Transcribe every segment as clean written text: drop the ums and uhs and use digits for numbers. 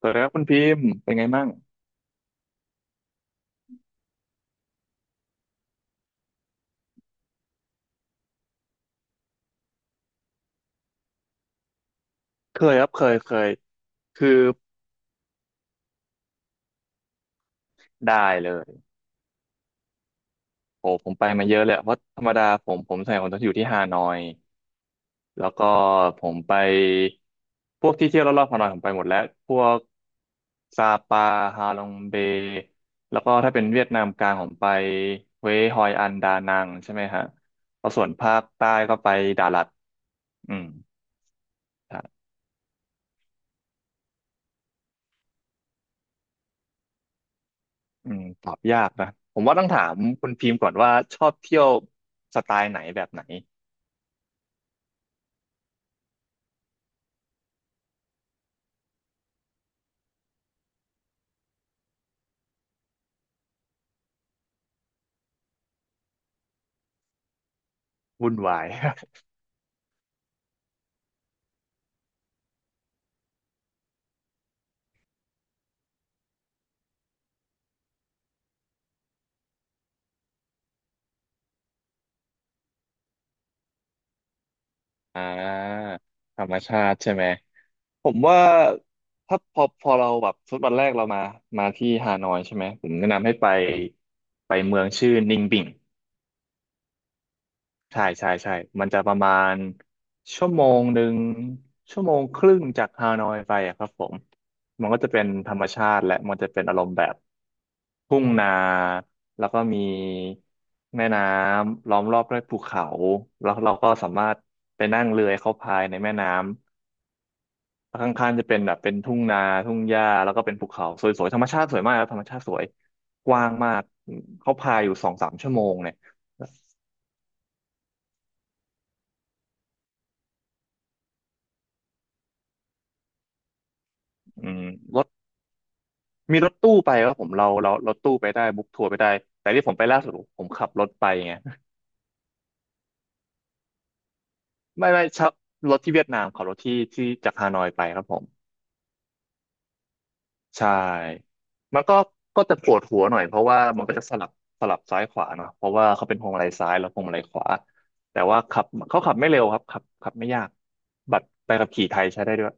สวัสดีครับคุณพิมพ์เป็นไงมั่งเคยครับเคยเคยคือได้เลยโอ้ผมไปมาเยอะเลยอะเพราะธรรมดาผมใส่คนจะอยู่ที่ฮานอยแล้วก็ผมไปพวกที่เที่ยวรอบๆฮานอยผมไปหมดแล้วพวกซาปาฮาลองเบแล้วก็ถ้าเป็นเวียดนามกลางผมไปเวยฮอยอันดานังใช่ไหมฮะแล้วส่วนภาคใต้ก็ไปดาลัดอืมครับตอบยากนะผมว่าต้องถามคุณพิมพ์ก่อนว่าชอบเที่ยวสไตล์ไหนแบบไหน วุ่นวาย อ่าธรรมชาติใช่ไหม ผมว่าถ้าพอเราแบบทุตบอแรกเรามาที่ฮานอยใช่ไหม ผมแนะนำให้ไปเมืองชื่อนิงบิง ใช่ใช่ใช่มันจะประมาณชั่วโมงหนึ่งชั่วโมงครึ่งจากฮานอยไปอะครับผมมันก็จะเป็นธรรมชาติและมันจะเป็นอารมณ์แบบทุ่งนาแล้วก็มีแม่น้ำล้อมรอบด้วยภูเขาแล้วเราก็สามารถไปนั่งเรือเข้าพายในแม่น้ำแล้วข้างๆจะเป็นแบบเป็นทุ่งนาทุ่งหญ้าแล้วก็เป็นภูเขาสวยๆธรรมชาติสวยมากครับธรรมชาติสวยกว้างมากเขาพายอยู่2-3 ชั่วโมงเนี่ยอืมรถ มีรถตู้ไปครับผมเรารถตู้ไปได้บุ๊กทัวร์ไปได้แต่ที่ผมไปล่าสุดผมขับรถไปไง ไม่ชอบรถที่เวียดนามขับรถที่ที่จากฮานอยไปครับผมใช่มันก็จะปวดหัวหน่อยเพราะว่ามันก็จะสลับซ้ายขวาเนาะเพราะว่าเขาเป็นพวงมาลัยซ้ายแล้วพวงมาลัยขวาแต่ว่าขับเขาขับไม่เร็วครับขับไม่ยากบัตรใบขับขี่ไทยใช้ได้ด้วย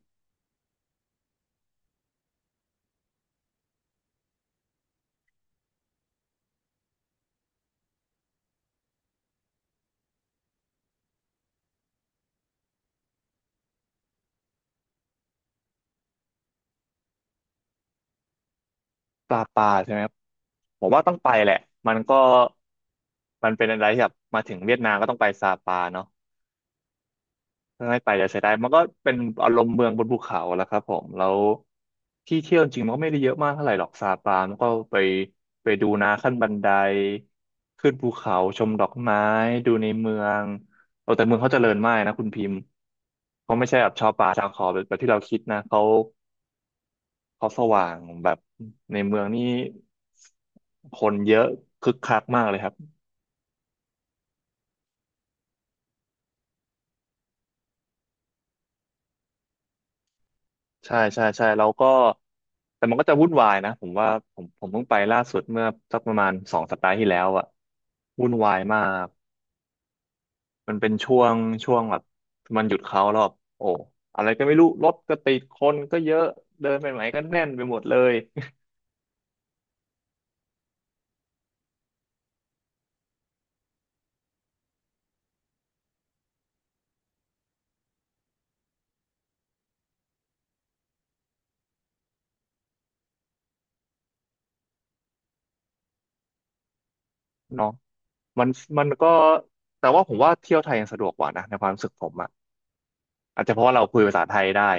ปลาใช่ไหมครับผมว่าต้องไปแหละมันก็มันเป็นอะไรที่แบบมาถึงเวียดนามก็ต้องไปซาปาเนาะ ไม่ไปจะเสียดายมันก็เป็นอารมณ์เมืองบนภูเขาแล้วครับผมแล้วที่เที่ยวจริงมันก็ไม่ได้เยอะมากเท่าไหร่หรอกซาปามันก็ไปดูนาขั้นบันไดขึ้นภูเขาชมดอกไม้ดูในเมืองเออแต่เมืองเขาเจริญมากนะคุณพิมพ์เขาไม่ใช่แบบชาวป่าชาวเขาแบบที่เราคิดนะเขาสว่างแบบในเมืองนี่คนเยอะคึกคักมากเลยครับ ใช่ใช่ใช่แล้วก็แต่มันก็จะวุ่นวายนะผมว่าผมเพิ่งไปล่าสุดเมื่อสักประมาณ2 สัปดาห์ที่แล้วอะวุ่นวายมากมันเป็นช่วงแบบมันหยุดเขาแล้วแบบโอ้อะไรก็ไม่รู้รถก็ติดคนก็เยอะเดินไปไหนก็แน่นไปหมดเลย เนาะมันมันก็แต่ว่าผมว่าเที่ยวไทยยังสะดวกกว่านะในความรู้สึกผมอะอาจจะเพราะว่าเราคุยภาษาไทยได้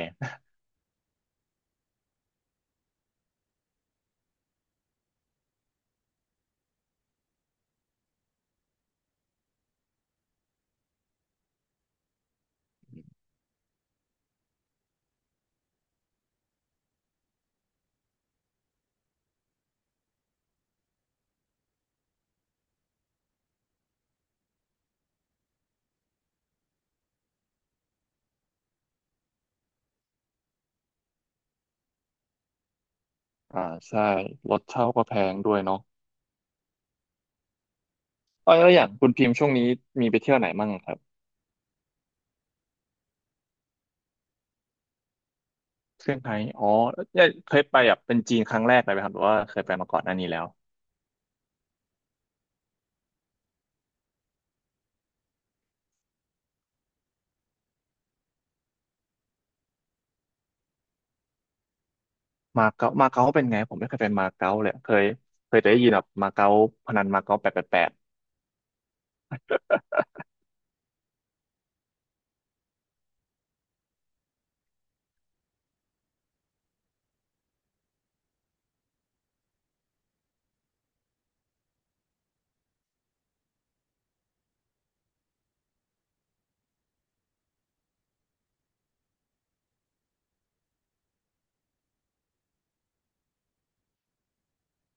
อ่าใช่รถเช่าก็แพงด้วยเนาะเออแล้วอย่างคุณพิมพ์ช่วงนี้มีไปเที่ยวไหนมั่งครับ เซี่ยงไฮ้อ๋อเนี่ยเคยไปแบบเป็นจีนครั้งแรกเลยไหมครับหรือว่าเคยไปมาก่อนหน้านี้แล้วมาเก๊าเป็นไงผมไม่เคยไปมาเก๊าเลยเคยแต่ได้ยินแบบมาเก๊าพนันมาเก๊า888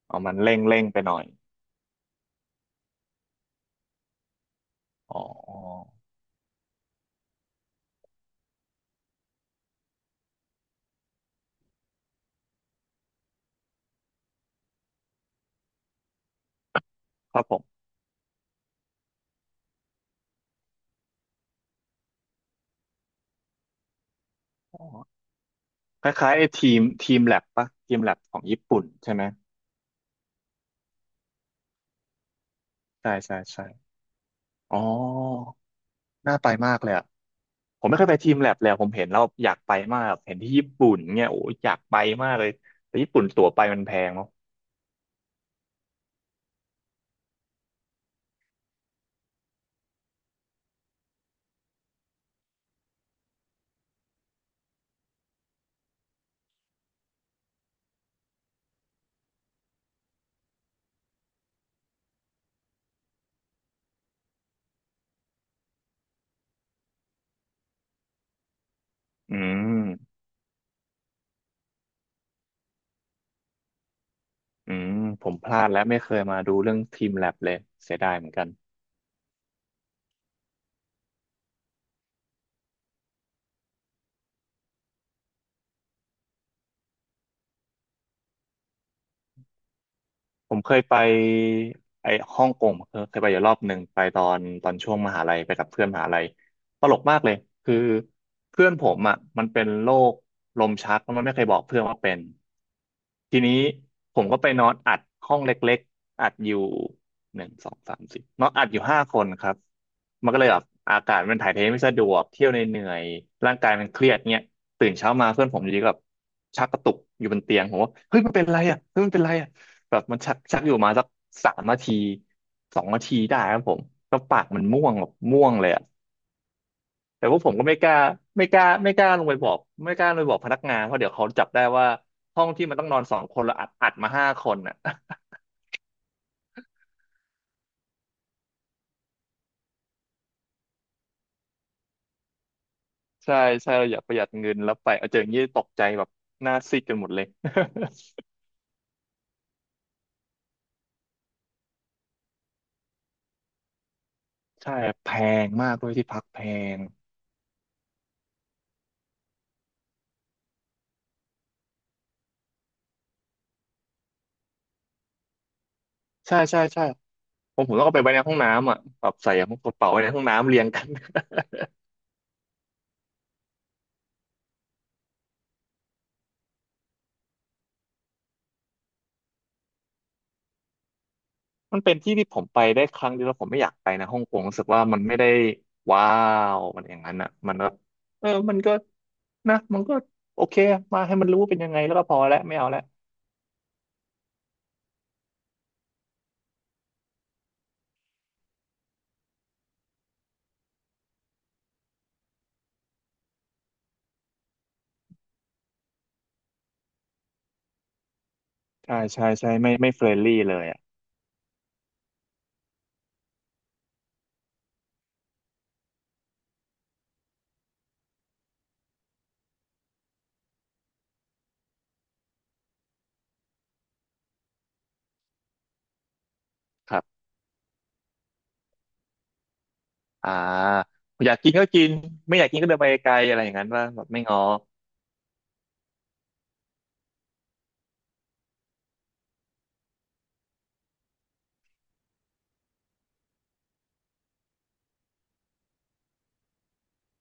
เอามันเร่งไปหน่อยอ๋อครับผมอ๋อคล้ายๆไอ้ทีมแลบปะทีมแลบของญี่ปุ่นใช่ไหมใช่ใช่ใช่อ๋อน่าไปมากเลยอะผมไม่เคยไปทีมแลบเลยอะผมเห็นแล้วอยากไปมากเห็นที่ญี่ปุ่นเนี่ยโอ้ยอยากไปมากเลยแต่ญี่ปุ่นตั๋วไปมันแพงเนาะอืม อืมผมพลาดและไม่เคยมาดูเรื่องทีมแลบเลยเสียดายเหมือนกัน ผมเคยไปไอ้ฮ่องกงเคยไปอยู่รอบหนึ่งไปตอนช่วงมหาลัยไปกับเพื่อนมหาลัยตลกมากเลยคือเพื่อนผมอ่ะมันเป็นโรคลมชักแล้วมันไม่เคยบอกเพื่อนว่าเป็นทีนี้ผมก็ไปนอนอัดห้องเล็กๆอัดอยู่หนึ่งสองสามสี่นอนอัดอยู่ห้าคนครับมันก็เลยแบบอากาศมันถ่ายเทไม่สะดวกเที่ยวในเหนื่อยๆร่างกายมันเครียดเนี่ยตื่นเช้ามาเพื่อนผมอยู่ดีก็แบบชักกระตุกอยู่บนเตียงผมว่าเฮ้ยมันเป็นไรอ่ะเฮ้ยมันเป็นไรอ่ะ แบบมันชักชักอยู่มาสัก3 นาที2 นาทีได้ครับผมก็ปากมันม่วงแบบม่วงเลยอะแต่ว่าผมก็ไม่กล้าลงไปบอกไม่กล้าลงไปบอกพนักงานเพราะเดี๋ยวเขาจับได้ว่าห้องที่มันต้องนอน2 คนเราอัดมาห้าคนอ่ะ ใช่ใช่เราอยากประหยัดเงินแล้วไปเอาเจออย่างนี้ตกใจแบบหน้าซีดกันหมดเลย ใช่แพงมากด้วยที่พักแพงใช่ใช่ใช่ผมต้องเอาไปไว้ในห้องน้ำอ่ะแบบใส่กระเป๋าไว้ในห้องน้ำเรียงกัน มันเป็นที่ที่ผมไปได้ครั้งเดียวแล้วผมไม่อยากไปนะฮ่องกงรู้สึกว่ามันไม่ได้ว้าวมันอย่างนั้นอ่ะมันก็เออมันก็นะมันก็โอเคมาให้มันรู้ว่าเป็นยังไงแล้วก็พอแล้วไม่เอาแล้วใช่ใช่ใช่ไม่เฟรนลี่เลยอ่ะครับอ่าอยากกินก็กินไม่อยากกินก็เดินไปไกลอะไรอย่างนั้นว่าแบบไม่ง้อ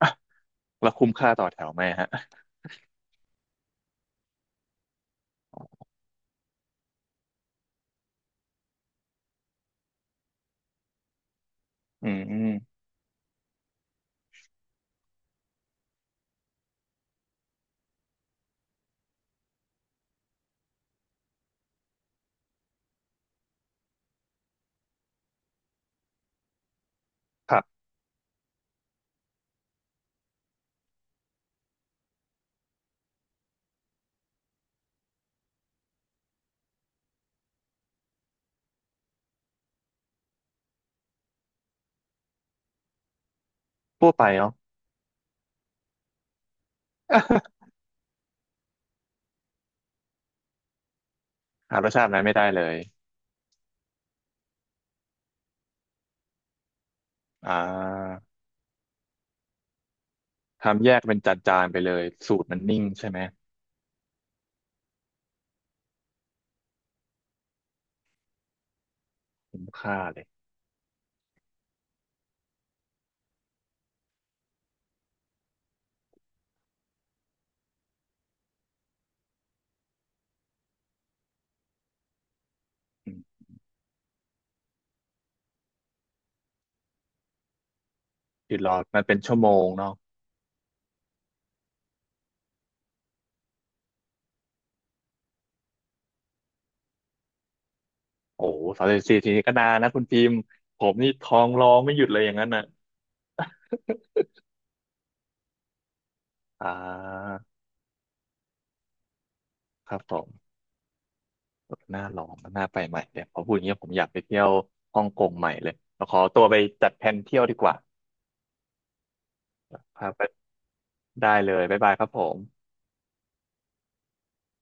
อ่ะแล้วคุ้มค่าต่อแถวไหมฮะอืมอืมครับทั่วไปเนาะ หารสชาตินั้นไม่ได้เลยอ่าทำแยกเป็นจานๆไปเลยสูตรมันนิ่งใช่ไหมคุ้มค่าเลย หยุดรอมันเป็นชั่วโมงเนาะโอ้สามสิบสี่ทีนี้ก็นานนะคุณพิมพ์ผมนี่ท้องร้องไม่หยุดเลยอย่างนั้นน่ะอ่าครับผมน่าลองน่าไปใหม่เดี๋ยวพอพูดอย่างเงี้ยผมอยากไปเที่ยวฮ่องกงใหม่เลยเราขอตัวไปจัดแผนเที่ยวดีกว่าครับได้เลยบ๊ายบายครับผม